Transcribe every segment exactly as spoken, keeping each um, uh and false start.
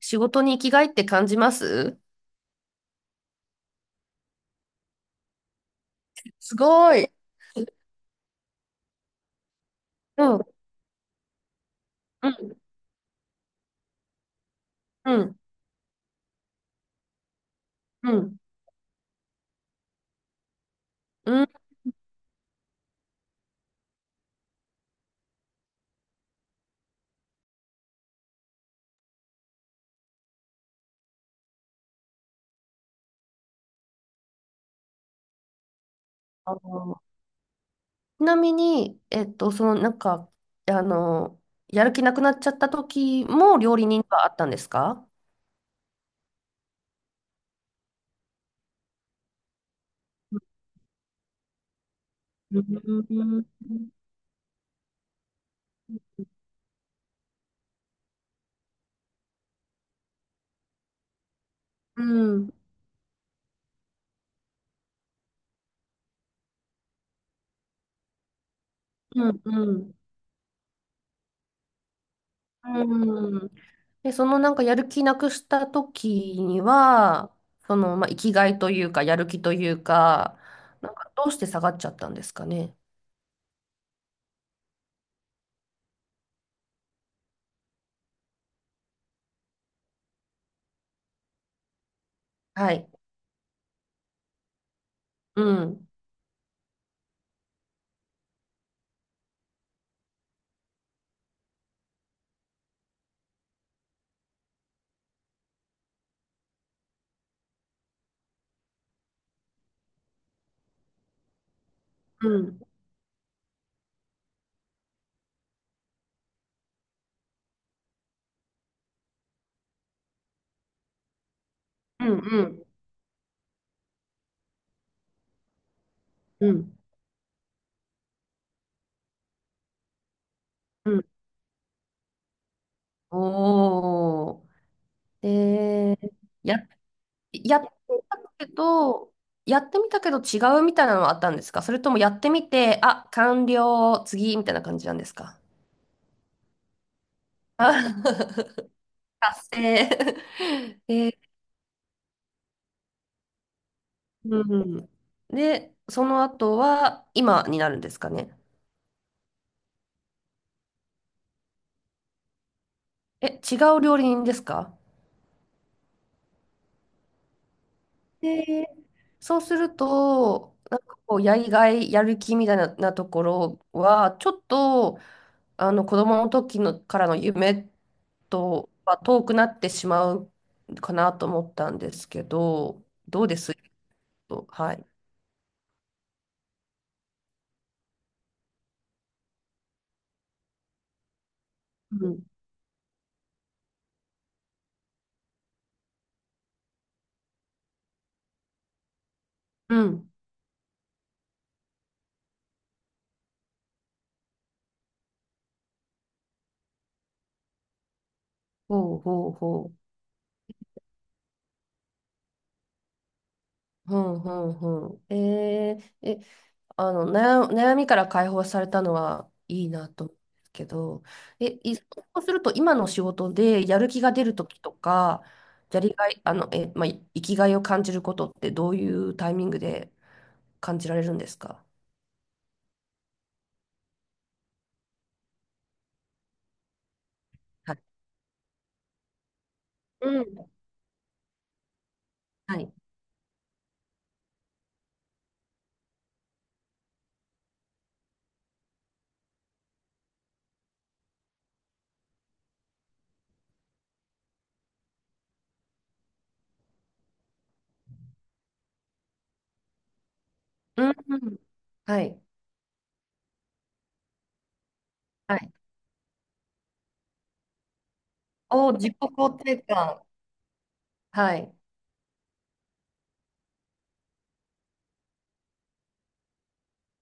仕事に生きがいって感じます？すごい。うん、うん、うん、うん。うん。あのちなみに、えっと、その、なんか、あの、やる気なくなっちゃった時も料理人があったんですか？うん、うん、うん、うん。うん。で、そのなんかやる気なくした時には、その、まあ、生きがいというか、やる気というか、なんかどうして下がっちゃったんですかね。はい。うん、うん。うん、うん、うん、うん。おー。で、や、やってみたけどやってみたけど違うみたいなのはあったんですか？それともやってみて、あ完了次みたいな感じなんですか？あ。 達成。で、うん。で、その後は今になるんですかね？え、違う料理人ですか？で、そうするとなんかこうやりがいやる気みたいな、なところはちょっと、あの子供の時のからの夢とは遠くなってしまうかなと思ったんですけど、どうです？と、はい。うん。うん。ほうほうほう。ほうほうほう。えー、え、あの、悩、悩みから解放されたのはいいなと思うんですけど、え、い、そうすると今の仕事でやる気が出る時とか、やりがい、あの、え、まあ、い生きがいを感じることってどういうタイミングで感じられるんですか？はい。はい。うん、うん。はい。はい。お、自己肯定感。はい。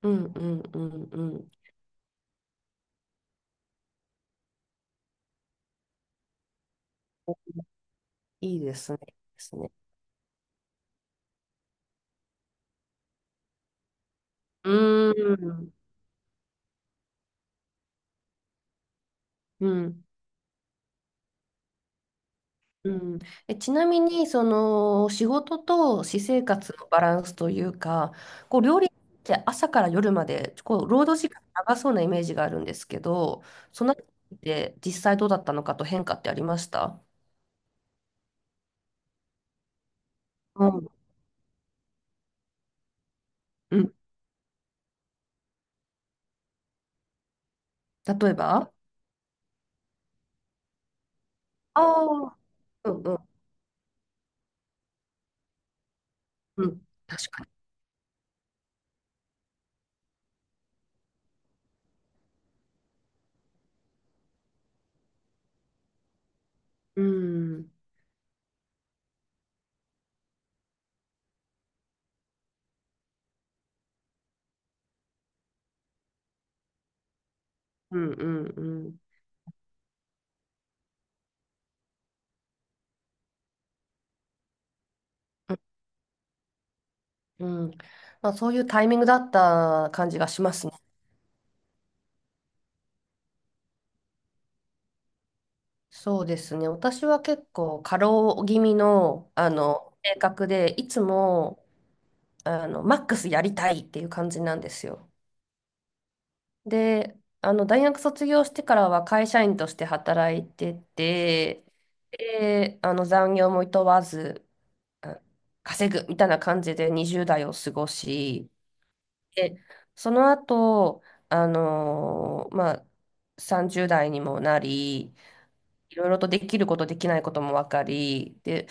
うん、うん、うん、うん。お。いいですね。いいですね。うーん。うん。うん。え、ちなみに、その、仕事と私生活のバランスというか、こう、料理って朝から夜まで、こう、労働時間長そうなイメージがあるんですけど、そのあたりで実際どうだったのかと変化ってありました？うん。うん。例えば。あ、あー、うん、うん、うん。確かに。うん、うん、うん、うん。うん、うん。まあ、そういうタイミングだった感じがしますね。そうですね。私は結構過労気味の、あの性格で、いつもあのマックスやりたいっていう感じなんですよ。で、あの大学卒業してからは会社員として働いてて、で、あの残業も厭わず、あ稼ぐみたいな感じでにじゅう代を過ごし、で、その後、あのーまあ、さんじゅう代にもなり、いろいろとできること、できないことも分かり、で、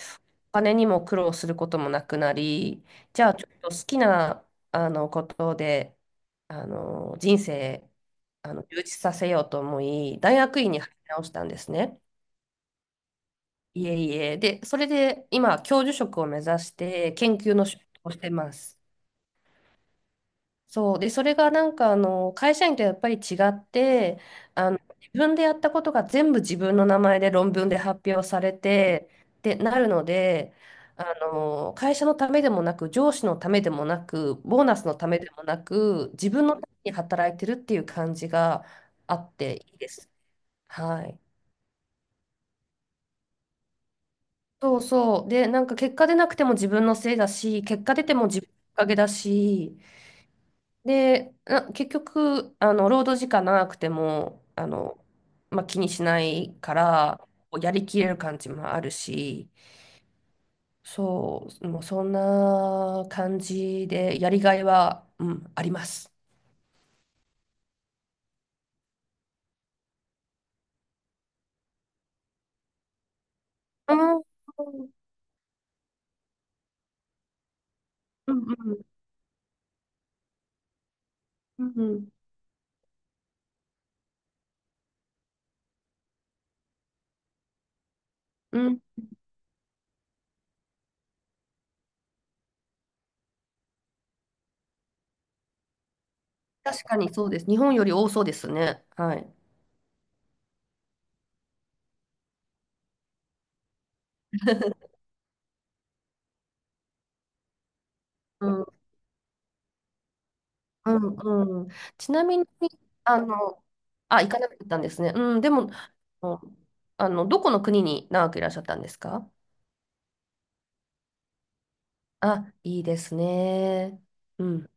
お金にも苦労することもなくなり、じゃあちょっと好きな、あの、ことで、あの、人生、あの、充実させようと思い、大学院に入り直したんですね。いえいえ。で、それで今、教授職を目指して研究の仕事をしてます。そう。で、それがなんか、あの、会社員とやっぱり違って、あの、自分でやったことが全部自分の名前で論文で発表されて、ってなるので、あの、会社のためでもなく、上司のためでもなく、ボーナスのためでもなく、自分のために働いてるっていう感じがあっていいです。はい。そうそう。で、なんか結果出なくても自分のせいだし、結果出ても自分のおかげだし、で、な結局、あの、労働時間長くても、あの、まあ、気にしないから、こうやりきれる感じもあるし、そう、もうそんな感じで、やりがいは、うん、あります。うん、うん、うん、うん、うん。確かにそうです。日本より多そうですね。はい。うん、うん、うん。ちなみに、あの、あ、行かなかったんですね。うん、でも、あの、あのどこの国に長くいらっしゃったんですか？あ、いいですね。うん。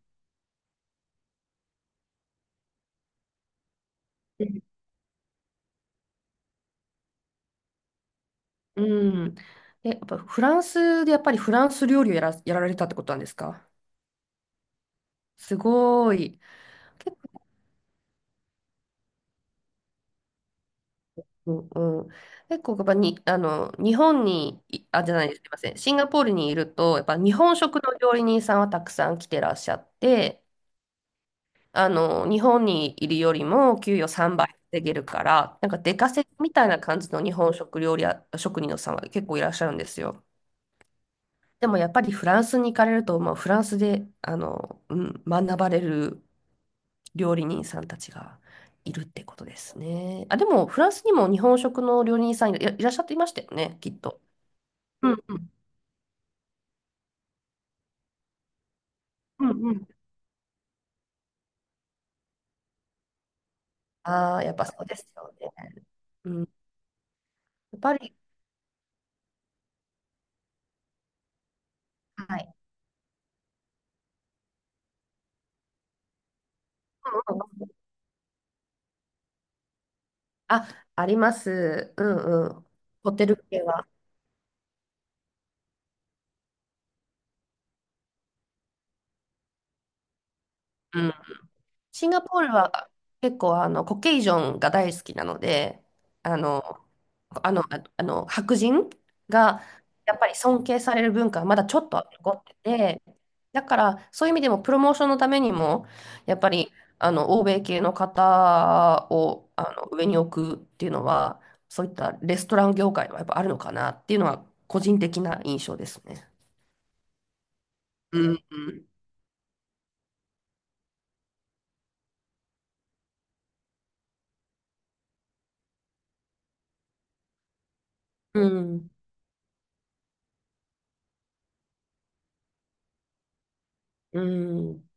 うん、うん。で、やっぱフランスでやっぱりフランス料理をやら、やられたってことなんですか？すごい。結構、うん。結構やっぱに、あの、日本に、いあ、じゃないです、すいません。シンガポールにいると、やっぱ日本食の料理人さんはたくさん来てらっしゃって、あの、日本にいるよりも給与さんばい稼げるから、なんか出稼ぎみたいな感じの日本食料理や、職人のさんは結構いらっしゃるんですよ。でもやっぱりフランスに行かれると、まあ、フランスで、あの、うん、学ばれる料理人さんたちがいるってことですね。あ、でもフランスにも日本食の料理人さんいら、いらっしゃっていましたよね、きっと。うん、うん、うん、うん。ああ、やっぱそうですよね。うん、やっぱり、はい。うん、うん、うん。あ、あります。うん、うん。ホテル系は。うん。シンガポールは結構あのコケイジョンが大好きなので、あの、あの、ああの白人がやっぱり尊敬される文化はまだちょっと残ってて、だからそういう意味でもプロモーションのためにも、やっぱりあの欧米系の方をあの上に置くっていうのは、そういったレストラン業界はやっぱあるのかなっていうのは個人的な印象ですね。うん、うん、うん、うん。